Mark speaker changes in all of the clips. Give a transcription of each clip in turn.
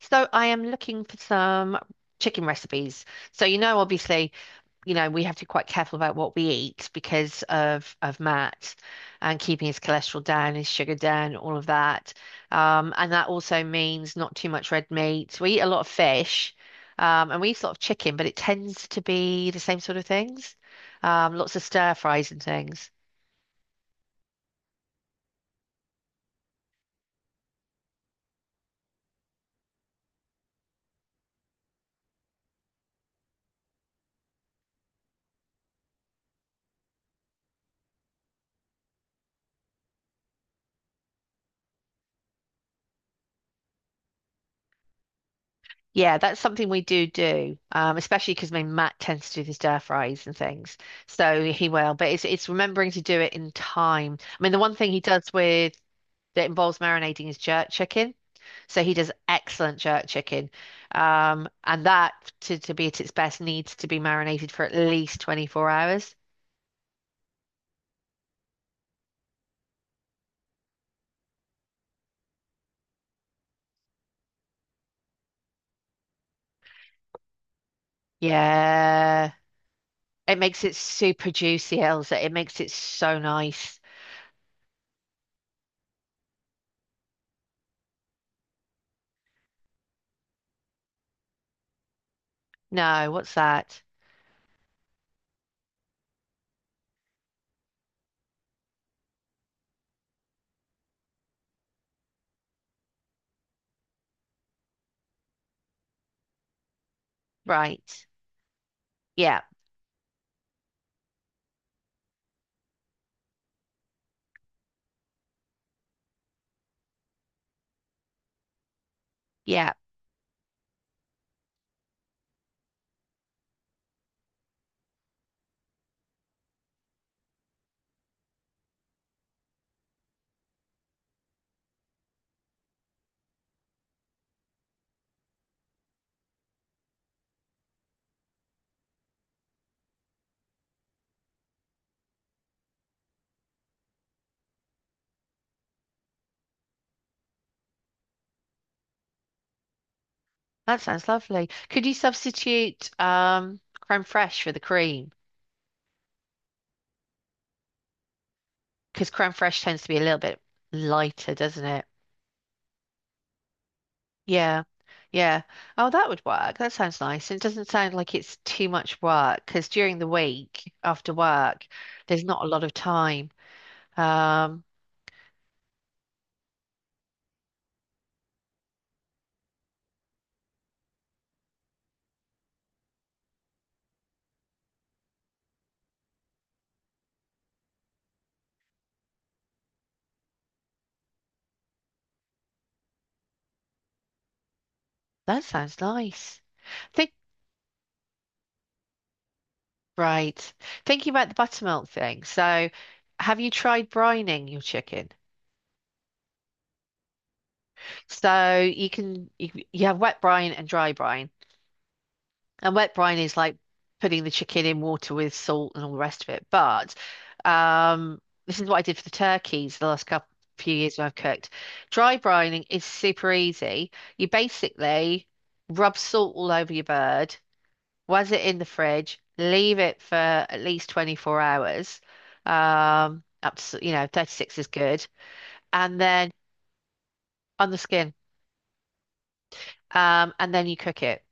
Speaker 1: So I am looking for some chicken recipes. So obviously, we have to be quite careful about what we eat because of Matt and keeping his cholesterol down, his sugar down, all of that. And that also means not too much red meat. We eat a lot of fish, and we eat a lot of chicken, but it tends to be the same sort of things. Lots of stir fries and things. Yeah, that's something we do, especially because my Matt tends to do the stir fries and things, so he will. But it's remembering to do it in time. I mean, the one thing he does with that involves marinating is jerk chicken, so he does excellent jerk chicken, and that to be at its best needs to be marinated for at least 24 hours. Yeah, it makes it super juicy, Elsa. It makes it so nice. No, what's that? Right. Yeah. Yeah. That sounds lovely. Could you substitute crème fraiche for the cream? Because crème fraiche tends to be a little bit lighter, doesn't it? Yeah, yeah. Oh, that would work. That sounds nice. It doesn't sound like it's too much work because during the week after work, there's not a lot of time. Um, that sounds nice. Think right. Thinking about the buttermilk thing. So, have you tried brining your chicken? So you can you have wet brine and dry brine. And wet brine is like putting the chicken in water with salt and all the rest of it. But um, this is what I did for the turkeys the last couple few years when I've cooked. Dry brining is super easy. You basically rub salt all over your bird, was it in the fridge, leave it for at least 24 hours. Up to, you know, 36 is good. And then on the skin. And then you cook it.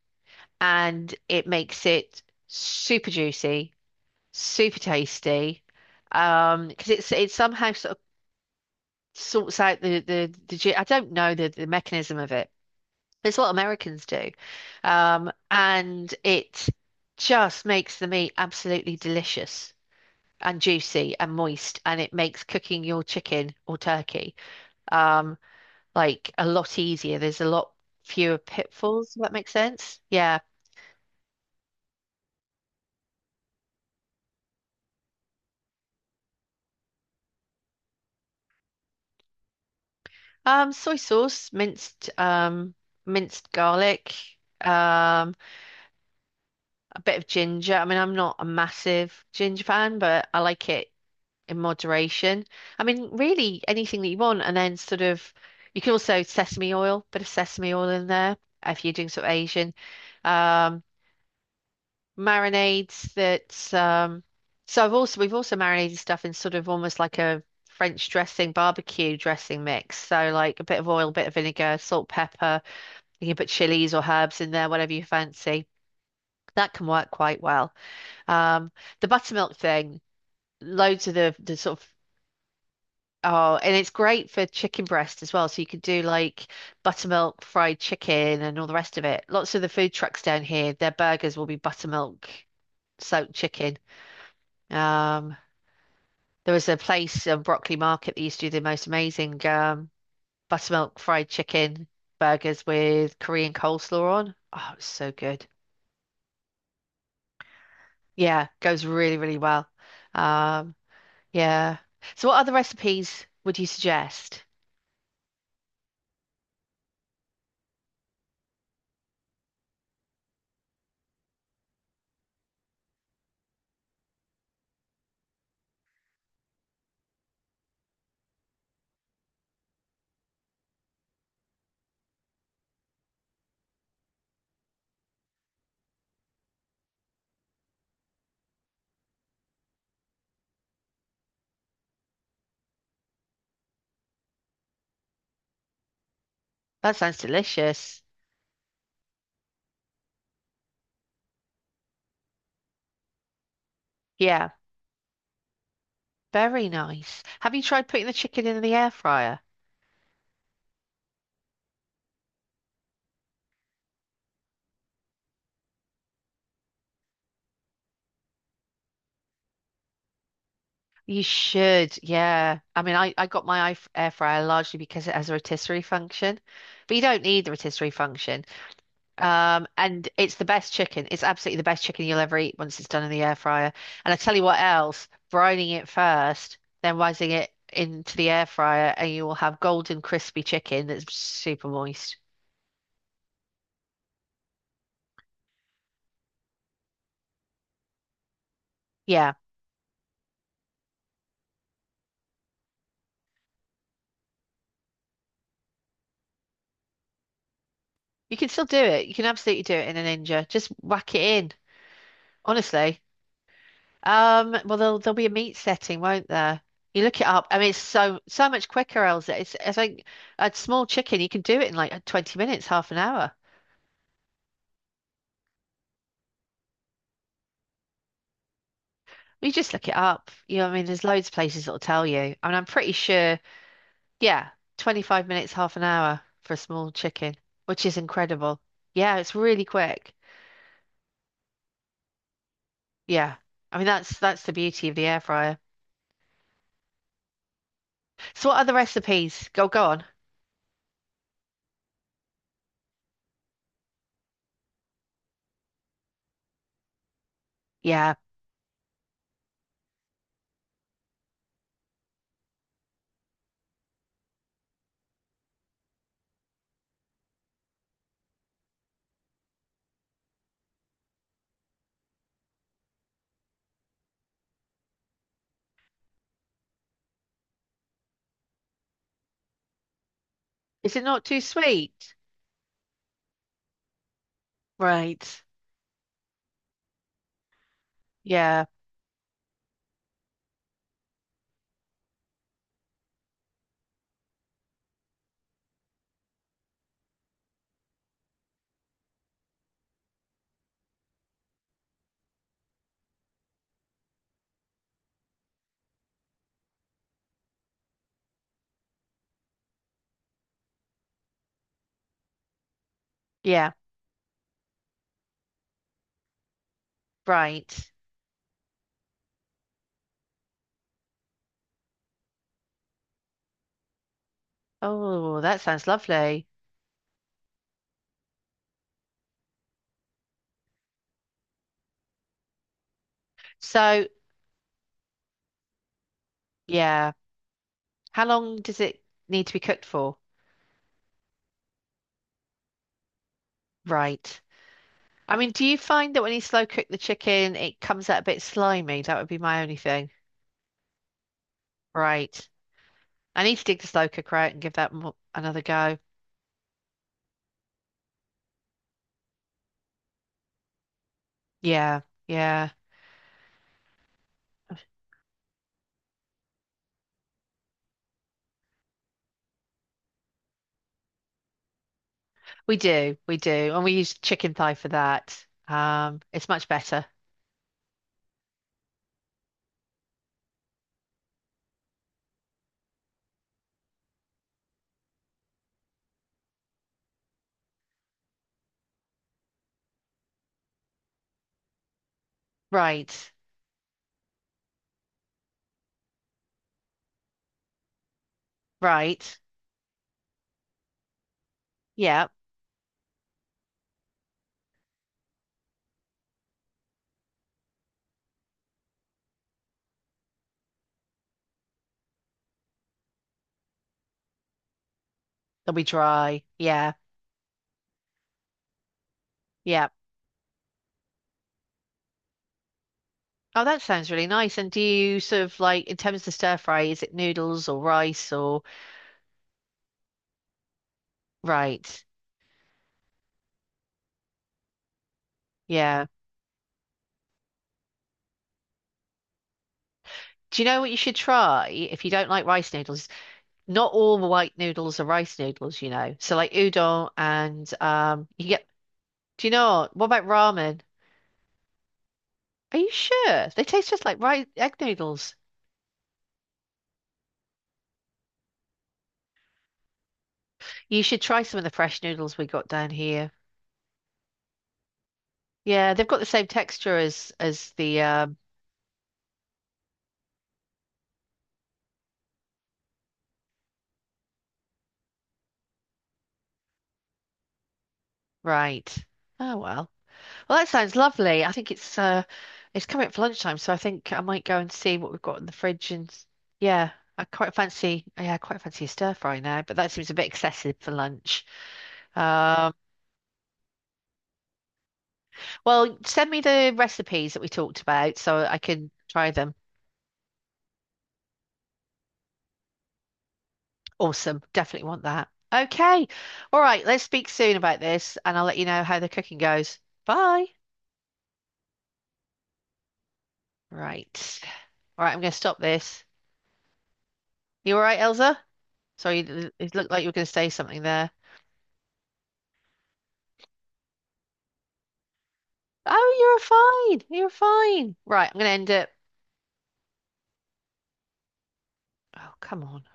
Speaker 1: And it makes it super juicy super tasty. Because it somehow sort of sorts out the I don't know the mechanism of it. It's what Americans do, and it just makes the meat absolutely delicious and juicy and moist, and it makes cooking your chicken or turkey um like a lot easier. There's a lot fewer pitfalls, if that makes sense. Yeah. Soy sauce, minced minced garlic. Um, bit of ginger. I mean, I'm not a massive ginger fan, but I like it in moderation. I mean, really anything that you want, and then sort of you can also sesame oil, bit of sesame oil in there if you're doing sort of Asian. Um, marinades that so I've also we've also marinated stuff in sort of almost like a French dressing, barbecue dressing mix. So like a bit of oil, bit of vinegar, salt, pepper. You can put chilies or herbs in there, whatever you fancy. That can work quite well. Um, the buttermilk thing, loads of the sort of oh, and it's great for chicken breast as well. So you could do like buttermilk fried chicken and all the rest of it. Lots of the food trucks down here, their burgers will be buttermilk soaked chicken. Um, there was a place on Broccoli Market that used to do the most amazing buttermilk fried chicken burgers with Korean coleslaw on. Oh, it was so good. Yeah, goes really, really well. Um, Yeah. So what other recipes would you suggest? That sounds delicious. Yeah, very nice. Have you tried putting the chicken in the air fryer? You should, yeah. I mean, I got my air fryer largely because it has a rotisserie function, but you don't need the rotisserie function. And it's the best chicken. It's absolutely the best chicken you'll ever eat once it's done in the air fryer. And I tell you what else, brining it first, then rising it into the air fryer, and you will have golden crispy chicken that's super moist. Yeah, you can still do it. You can absolutely do it in a Ninja. Just whack it in, honestly. Well, there'll be a meat setting, won't there? You look it up. I mean, it's so much quicker, Elsa. It's like a small chicken. You can do it in like 20 minutes, half an hour. You just look it up. You know, what I mean, there's loads of places that'll tell you. I mean, I'm pretty sure. Yeah, 25 minutes, half an hour for a small chicken, which is incredible. Yeah, it's really quick. Yeah, I mean that's the beauty of the air fryer. So, what other recipes? Go on. Yeah. Is it not too sweet? Right. Yeah. Yeah. Right. Oh, that sounds lovely. So, yeah. How long does it need to be cooked for? Right. I mean, do you find that when you slow cook the chicken, it comes out a bit slimy? That would be my only thing. Right. I need to dig the slow cooker out and give that mo another go. Yeah. Yeah. We do. We do. And we use chicken thigh for that. It's much better. Right. Right. Yeah. They'll be dry. Yeah. Yeah. Oh, that sounds really nice. And do you sort of like, in terms of stir fry, is it noodles or rice or right? Yeah. Do you know what you should try if you don't like rice noodles? Not all the white noodles are rice noodles, you know. So like udon and you get. Do you know what about ramen? Are you sure? They taste just like rice egg noodles. You should try some of the fresh noodles we got down here. Yeah, they've got the same texture as the right. Oh well. Well, that sounds lovely. I think it's coming up for lunchtime, so I think I might go and see what we've got in the fridge and yeah, I quite fancy yeah, I quite fancy a stir fry now, but that seems a bit excessive for lunch. Um, well, send me the recipes that we talked about so I can try them. Awesome. Definitely want that. Okay. All right, let's speak soon about this and I'll let you know how the cooking goes. Bye. Right. All right, I'm going to stop this. You all right, Elsa? Sorry, it looked like you were going to say something there. Oh, you're fine. You're fine. Right, I'm gonna end it. Oh, come on.